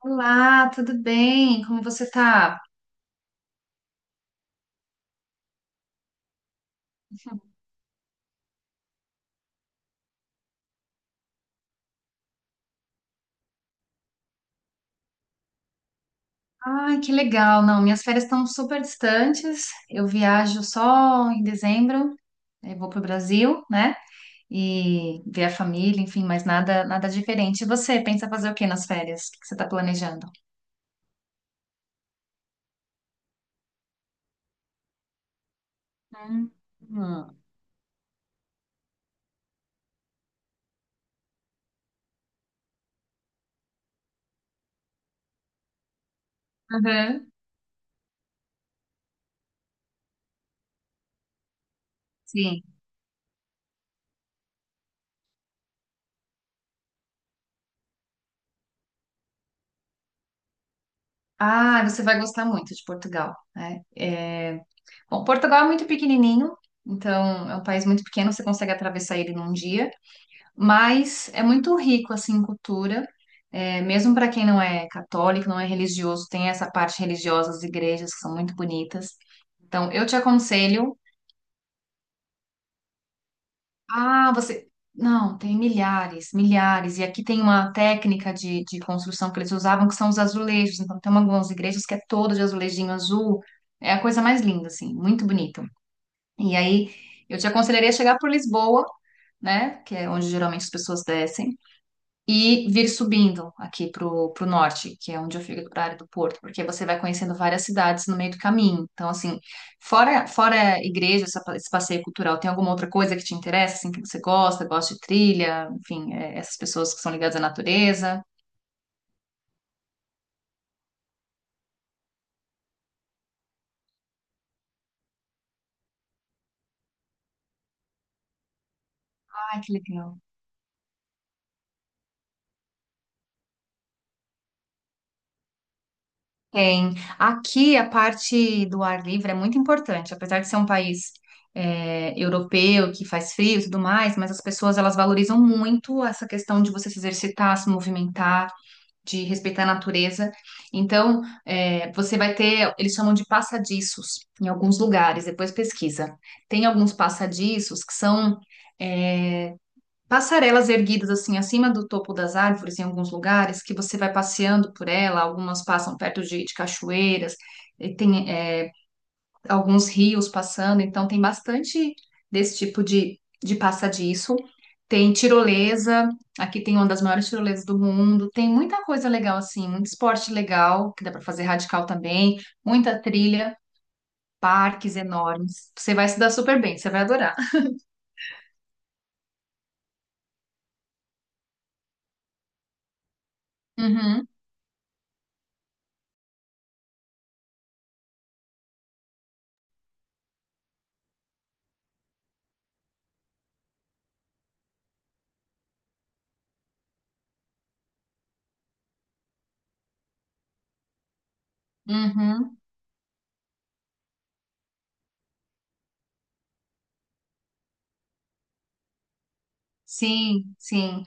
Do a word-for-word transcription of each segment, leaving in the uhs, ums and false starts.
Olá, tudo bem? Como você tá? Ai, que legal. Não, minhas férias estão super distantes. Eu viajo só em dezembro, aí vou pro Brasil, né? E ver a família, enfim, mas nada, nada diferente. E você pensa fazer o que nas férias? O que que você tá planejando? Hum. Hum. Uhum. Sim. Ah, você vai gostar muito de Portugal, né? É, Bom, Portugal é muito pequenininho, então é um país muito pequeno, você consegue atravessar ele num dia. mas é muito rico assim em cultura, é, mesmo para quem não é católico, não é religioso, tem essa parte religiosa das igrejas que são muito bonitas. Então, eu te aconselho. Ah, você. Não, tem milhares, milhares. E aqui tem uma técnica de, de construção que eles usavam, que são os azulejos. Então, tem algumas igrejas que é todo de azulejinho azul. É a coisa mais linda, assim, muito bonito. E aí, eu te aconselharia chegar por Lisboa, né? Que é onde geralmente as pessoas descem e vir subindo aqui para o norte, que é onde eu fico, para a área do Porto, porque você vai conhecendo várias cidades no meio do caminho. Então, assim, fora fora a igreja, essa- esse passeio cultural, tem alguma outra coisa que te interessa, assim, que você gosta, gosta de trilha, enfim, é, essas pessoas que são ligadas à natureza? Ai, que legal. Tem. Aqui a parte do ar livre é muito importante, apesar de ser um país é, europeu que faz frio e tudo mais, mas as pessoas elas valorizam muito essa questão de você se exercitar, se movimentar. de respeitar a natureza. Então, é, você vai ter, eles chamam de passadiços em alguns lugares, depois pesquisa. Tem alguns passadiços que são é, passarelas erguidas assim acima do topo das árvores em alguns lugares, que você vai passeando por ela, algumas passam perto de, de cachoeiras, e tem é, alguns rios passando, então tem bastante desse tipo de, de passadiço. Tem tirolesa, aqui tem uma das maiores tirolesas do mundo, tem muita coisa legal assim, muito esporte legal, que dá para fazer radical também, muita trilha, parques enormes. Você vai se dar super bem, você vai adorar. Uhum, uhum. Sim, sim.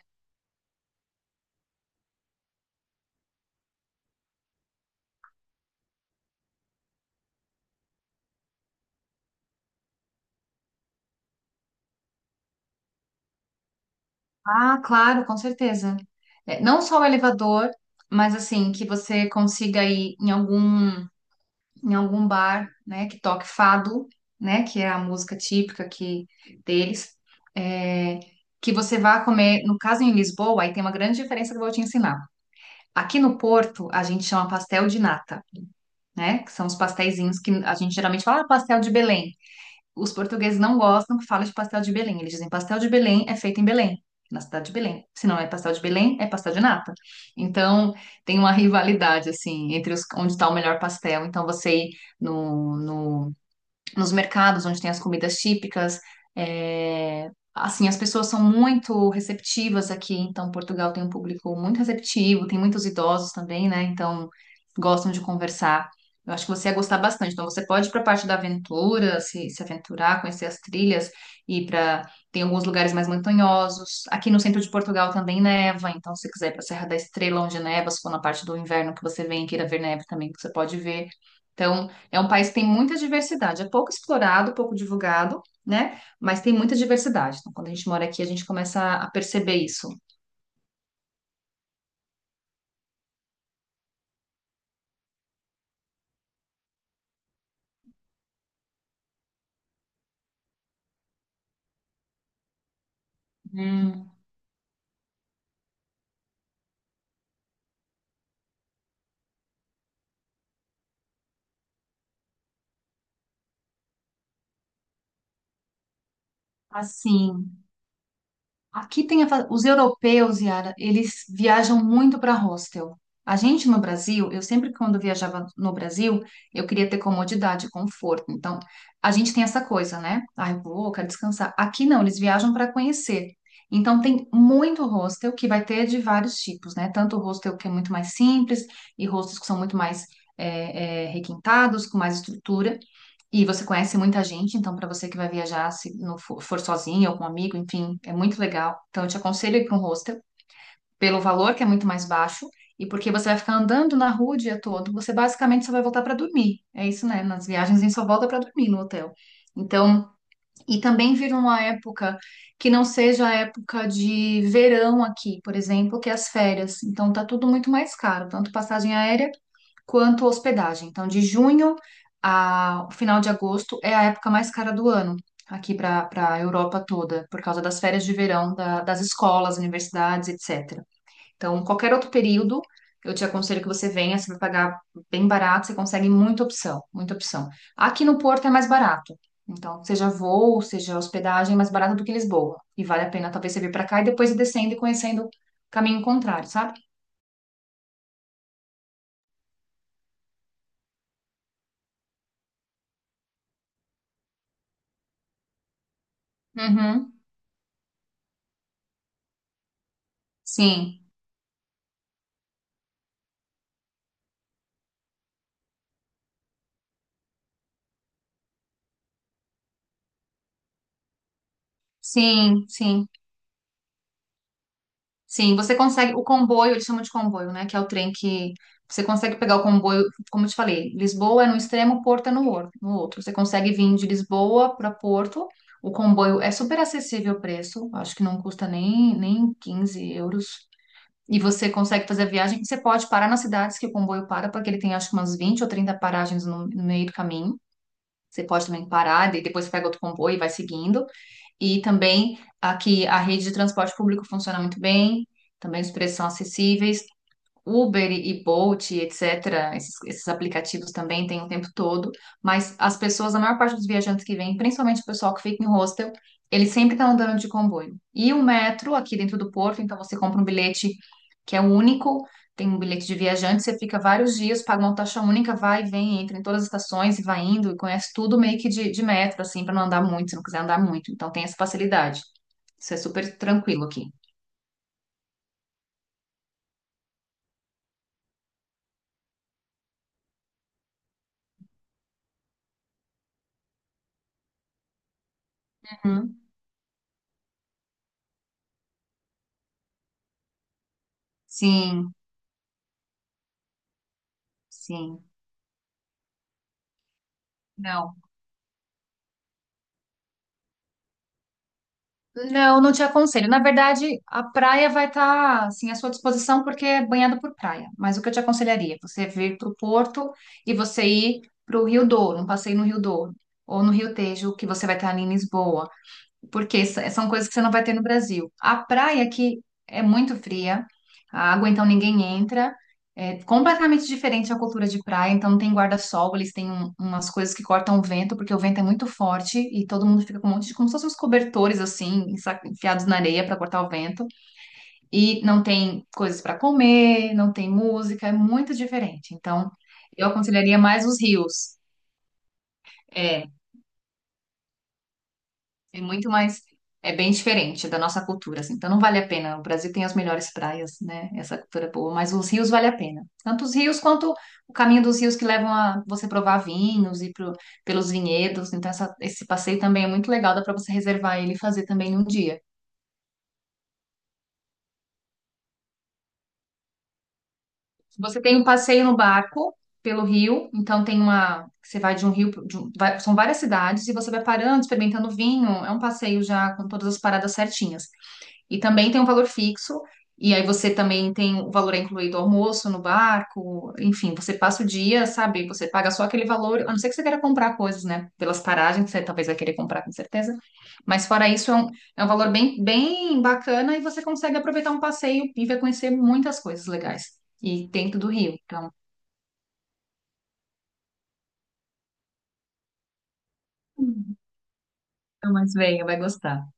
Ah, claro, com certeza. É, não só o elevador, mas assim, que você consiga ir em algum em algum bar, né, que toque fado, né, que é a música típica que deles, é, que você vá comer, no caso em Lisboa, aí tem uma grande diferença que eu vou te ensinar. Aqui no Porto, a gente chama pastel de nata, né, que são os pastéisinhos que a gente geralmente fala, ah, pastel de Belém. Os portugueses não gostam que fala de pastel de Belém. Eles dizem pastel de Belém é feito em Belém, na cidade de Belém. Se não é pastel de Belém, é pastel de nata. Então, tem uma rivalidade, assim, entre os, onde está o melhor pastel. Então, você ir no, no nos mercados onde tem as comidas típicas. É, assim, as pessoas são muito receptivas aqui, então Portugal tem um público muito receptivo, tem muitos idosos também, né? Então gostam de conversar. Eu acho que você ia gostar bastante. Então você pode ir para a parte da aventura, se, se aventurar, conhecer as trilhas e para tem alguns lugares mais montanhosos. Aqui no centro de Portugal também neva, então se quiser ir para a Serra da Estrela onde neva, se for na parte do inverno que você vem e queira ver neve também, você pode ver. Então é um país que tem muita diversidade, é pouco explorado, pouco divulgado, né? Mas tem muita diversidade. Então, quando a gente mora aqui, a gente começa a perceber isso. Hum. Assim. Aqui tem a fa- os europeus, Yara, eles viajam muito para hostel. A gente no Brasil, eu sempre quando viajava no Brasil, eu queria ter comodidade, conforto. Então, a gente tem essa coisa, né? Ah, eu vou, eu quero descansar. Aqui não, eles viajam para conhecer. Então, tem muito hostel que vai ter de vários tipos, né? Tanto hostel que é muito mais simples e hostels que são muito mais eh, eh, requintados, com mais estrutura. E você conhece muita gente, então para você que vai viajar, se não for, for sozinho ou com um amigo, enfim, é muito legal. Então eu te aconselho a ir para um hostel, pelo valor que é muito mais baixo, e porque você vai ficar andando na rua o dia todo, você basicamente só vai voltar para dormir. É isso, né? Nas viagens a gente só volta para dormir no hotel. Então, e também vir numa época que não seja a época de verão aqui, por exemplo, que é as férias. Então tá tudo muito mais caro, tanto passagem aérea quanto hospedagem. Então, de junho a o final de agosto é a época mais cara do ano aqui para para a Europa toda, por causa das férias de verão da- das escolas, universidades, etcétera. Então, qualquer outro período, eu te aconselho que você venha, você vai pagar bem barato, você consegue muita opção, muita opção. Aqui no Porto é mais barato. Então, seja voo, seja hospedagem, é mais barato do que Lisboa. E vale a pena talvez você vir para cá e depois ir descendo e conhecendo o caminho contrário, sabe? Uhum. Sim, sim, sim. Sim, você consegue o comboio, eles chamam de comboio, né? Que é o trem que você consegue pegar o comboio, como eu te falei, Lisboa é no extremo, Porto é no, or- no outro. Você consegue vir de Lisboa para Porto. O comboio é super acessível o preço, acho que não custa nem, nem quinze euros. E você consegue fazer a viagem. Você pode parar nas cidades que o comboio para, porque ele tem acho que umas vinte ou trinta paragens no, no meio do caminho. Você pode também parar, e depois pega outro comboio e vai seguindo. E também aqui a rede de transporte público funciona muito bem, também os preços são acessíveis. Uber e Bolt, etcétera, esses, esses aplicativos também têm o tempo todo, mas as pessoas, a maior parte dos viajantes que vêm, principalmente o pessoal que fica em hostel, ele sempre está andando de comboio. E o metro aqui dentro do Porto, então você compra um bilhete que é único, tem um bilhete de viajante, você fica vários dias, paga uma taxa única, vai e vem, entra em todas as estações e vai indo, e conhece tudo meio que de, de metro, assim, para não andar muito, se não quiser andar muito. Então tem essa facilidade. Isso é super tranquilo aqui. Uhum. Sim, sim. Não. Não, não te aconselho. Na verdade, a praia vai estar assim à sua disposição porque é banhada por praia. Mas o que eu te aconselharia é você vir para o Porto e você ir para o Rio Douro, um passeio no Rio Douro ou no Rio Tejo, que você vai estar ali em Lisboa porque s- são coisas que você não vai ter no Brasil. A praia aqui é muito fria, a água então ninguém entra, é completamente diferente a cultura de praia, então não tem guarda-sol, eles têm um- umas coisas que cortam o vento, porque o vento é muito forte e todo mundo fica com um monte de, como se fossem uns cobertores assim, ensa- enfiados na areia para cortar o vento, e não tem coisas para comer, não tem música, é muito diferente. Então, eu aconselharia mais os rios. É, É muito mais. É bem diferente da nossa cultura, assim. Então não vale a pena. O Brasil tem as melhores praias, né? Essa cultura é boa, mas os rios vale a pena. Tanto os rios quanto o caminho dos rios que levam a você provar vinhos e pro, pelos vinhedos. Então essa- esse passeio também é muito legal, dá para você reservar ele e fazer também num dia. Você tem um passeio no barco pelo rio, então tem uma. Você vai de um rio, pro- de um- vai- São várias cidades e você vai parando, experimentando vinho. É um passeio já com todas as paradas certinhas. E também tem um valor fixo, e aí você também tem o valor é incluído almoço no barco, enfim, você passa o dia, sabe? Você paga só aquele valor, a não ser que você queira comprar coisas, né? Pelas paragens, você talvez vai querer comprar com certeza. Mas fora isso, é um, é um valor bem, bem bacana e você consegue aproveitar um passeio e vai conhecer muitas coisas legais. E dentro do Rio, então. Então, mas venha, vai gostar. Tá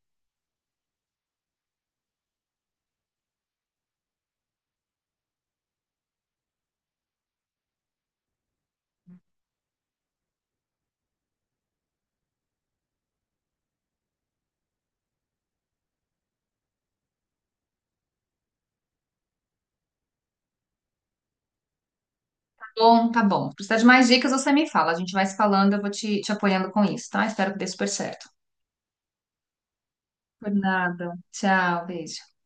Bom, tá bom. Se precisar de mais dicas, você me fala. A gente vai se falando, eu vou te, te apoiando com isso, tá? Espero que dê super certo. Por nada. Tchau, beijo.